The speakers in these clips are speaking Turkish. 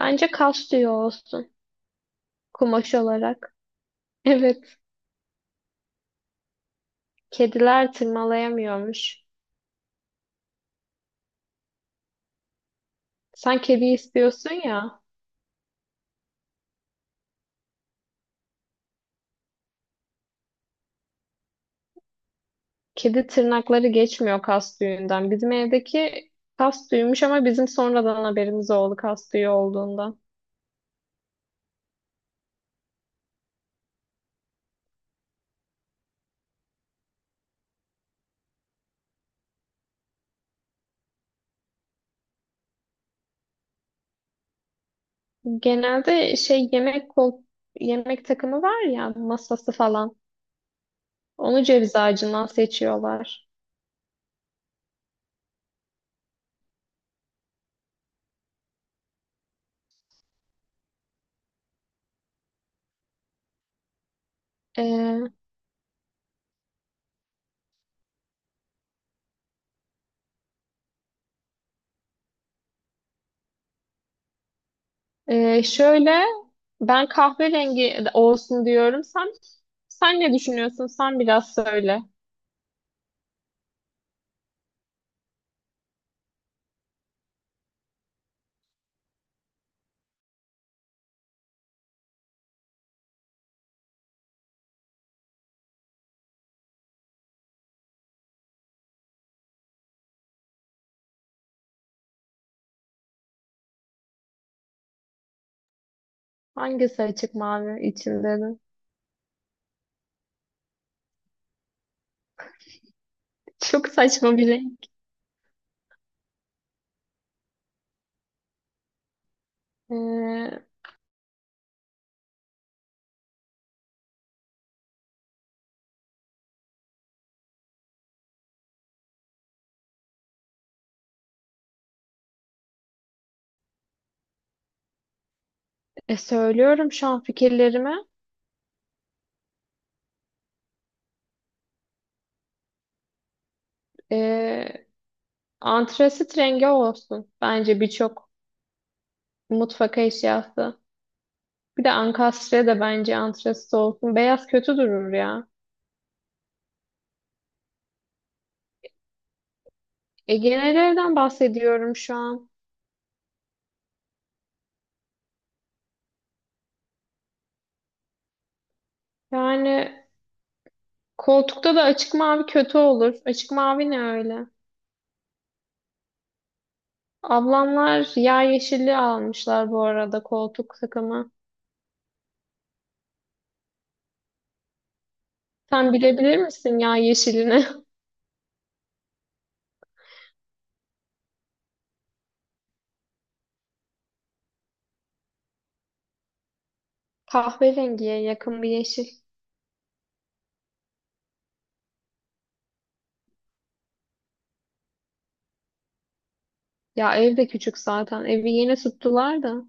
Bence kas tüyü olsun kumaş olarak. Evet, kediler tırmalayamıyormuş. Sen kedi istiyorsun ya. Kedi tırnakları geçmiyor kas tüyünden. Bizim evdeki kas tüyüymüş ama bizim sonradan haberimiz oldu kas tüyü olduğundan. Genelde şey yemek kol yemek takımı var ya, masası falan. Onu ceviz ağacından seçiyorlar. Ee, Şöyle, ben kahverengi olsun diyorum. Sen ne düşünüyorsun? Sen biraz söyle. Hangisi açık mavi içinde de? Çok saçma bir renk. Söylüyorum şu an fikirlerimi. Ee, Antrasit rengi olsun. Bence birçok mutfak eşyası. Bir de ankastre de bence antrasit olsun. Beyaz kötü durur ya. E, genel evden bahsediyorum şu an. Yani koltukta da açık mavi kötü olur. Açık mavi ne öyle? Ablamlar yağ yeşili almışlar bu arada, koltuk takımı. Sen bilebilir misin yağ yeşilini? Kahverengiye yakın bir yeşil. Ya ev de küçük zaten. Evi yeni tuttular da.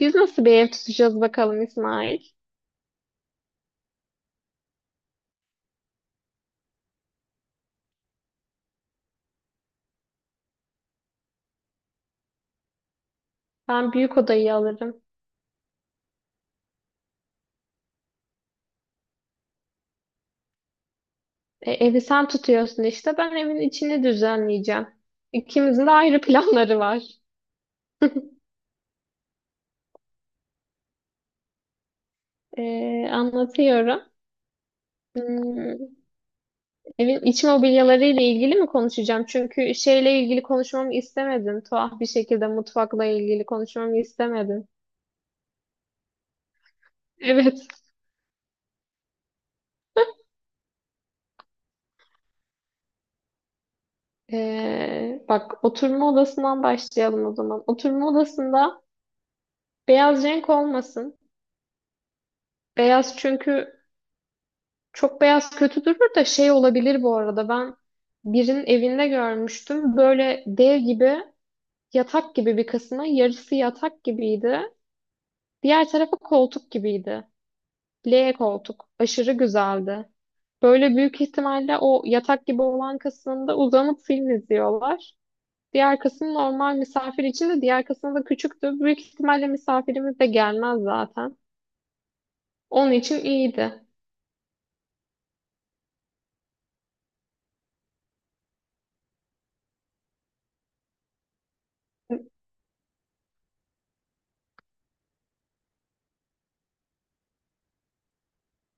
Biz nasıl bir ev tutacağız bakalım İsmail? Ben büyük odayı alırım. E, evi sen tutuyorsun işte. Ben evin içini düzenleyeceğim. İkimizin de ayrı planları var. E, Anlatıyorum. Hmm, evin iç mobilyaları ile ilgili mi konuşacağım? Çünkü şeyle ilgili konuşmamı istemedin. Tuhaf bir şekilde mutfakla ilgili konuşmamı istemedin. Evet. Bak, oturma odasından başlayalım o zaman. Oturma odasında beyaz renk olmasın. Beyaz çünkü çok beyaz kötü durur da, şey olabilir bu arada. Ben birinin evinde görmüştüm. Böyle dev gibi, yatak gibi bir kısmı, yarısı yatak gibiydi. Diğer tarafı koltuk gibiydi. L koltuk. Aşırı güzeldi. Böyle büyük ihtimalle o yatak gibi olan kısmında uzanıp film izliyorlar. Diğer kısım normal misafir için, de diğer kısım da küçüktü. Büyük ihtimalle misafirimiz de gelmez zaten. Onun için iyiydi.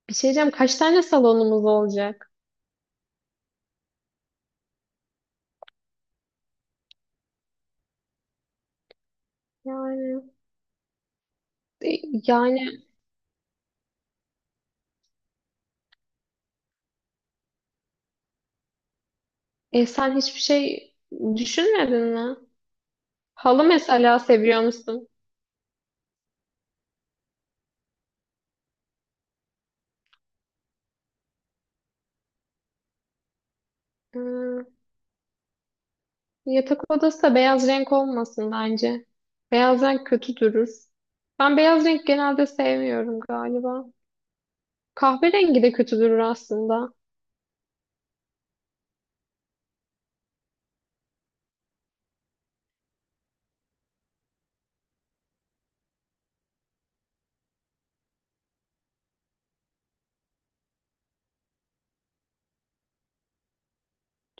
Bir şey diyeceğim, kaç tane salonumuz olacak? Yani e, yani sen hiçbir şey düşünmedin mi? Halı mesela seviyor musun? Hmm, yatak odası da beyaz renk olmasın bence. Beyaz renk kötü durur. Ben beyaz renk genelde sevmiyorum galiba. Kahverengi de kötü durur aslında.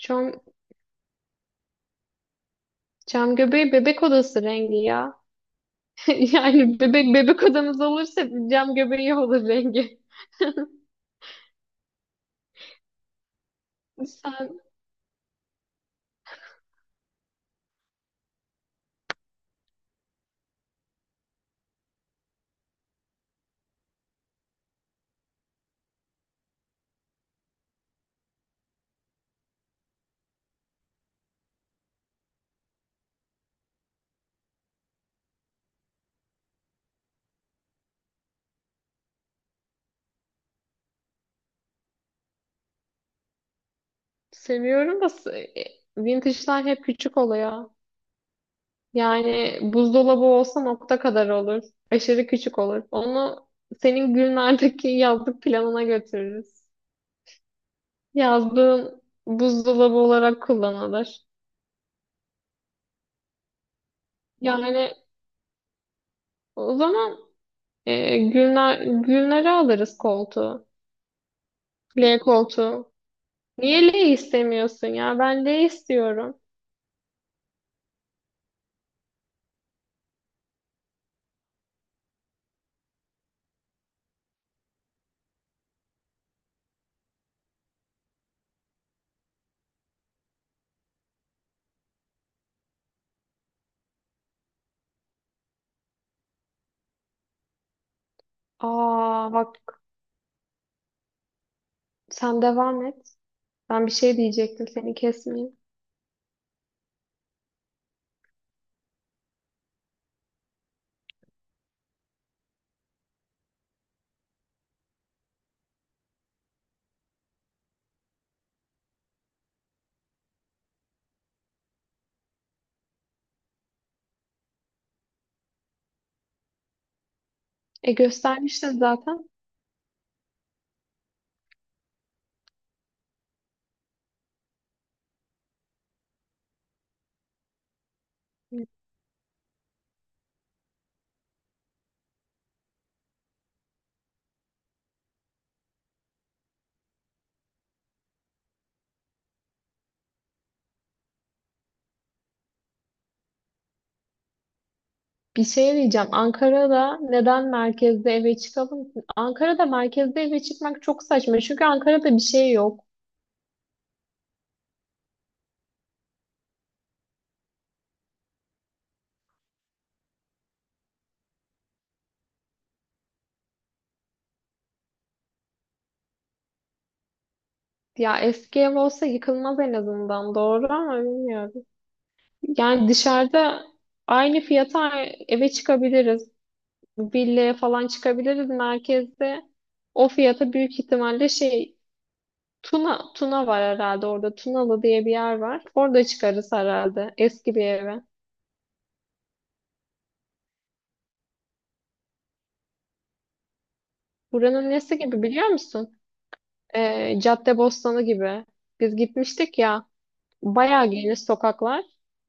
Şu cam göbeği bebek odası rengi ya. Yani bebek odamız olursa cam göbeği olur rengi. Sen seviyorum da e, vintage'lar hep küçük oluyor. Yani buzdolabı olsa nokta kadar olur. Aşırı küçük olur. Onu senin günlerdeki yazlık planına götürürüz. Yazlığın buzdolabı olarak kullanılır. Yani o zaman günler, günleri alırız koltuğu. L koltuğu. Niye L istemiyorsun ya? Ben L istiyorum. Aa bak, sen devam et. Ben bir şey diyecektim, seni kesmeyeyim. E göstermiştin zaten. Bir şey diyeceğim. Ankara'da neden merkezde eve çıkalım ki? Ankara'da merkezde eve çıkmak çok saçma. Çünkü Ankara'da bir şey yok. Ya eski ev olsa yıkılmaz en azından. Doğru ama bilmiyorum. Yani dışarıda aynı fiyata eve çıkabiliriz. Villaya falan çıkabiliriz merkezde. O fiyata büyük ihtimalle şey, Tuna var herhalde orada. Tunalı diye bir yer var. Orada çıkarız herhalde eski bir eve. Buranın nesi gibi biliyor musun? Caddebostanı gibi. Biz gitmiştik ya. Bayağı geniş sokaklar.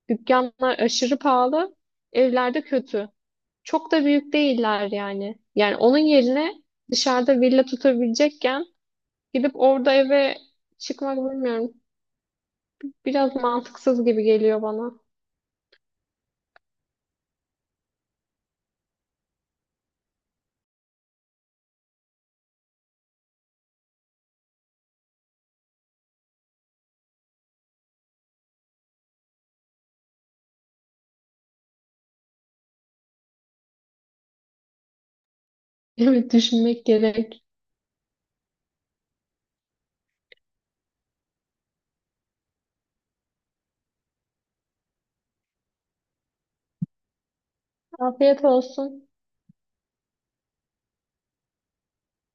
Dükkanlar aşırı pahalı. Evlerde kötü. Çok da büyük değiller yani. Yani onun yerine dışarıda villa tutabilecekken gidip orada eve çıkmak, bilmiyorum. Biraz mantıksız gibi geliyor bana. Evet düşünmek gerek. Afiyet olsun.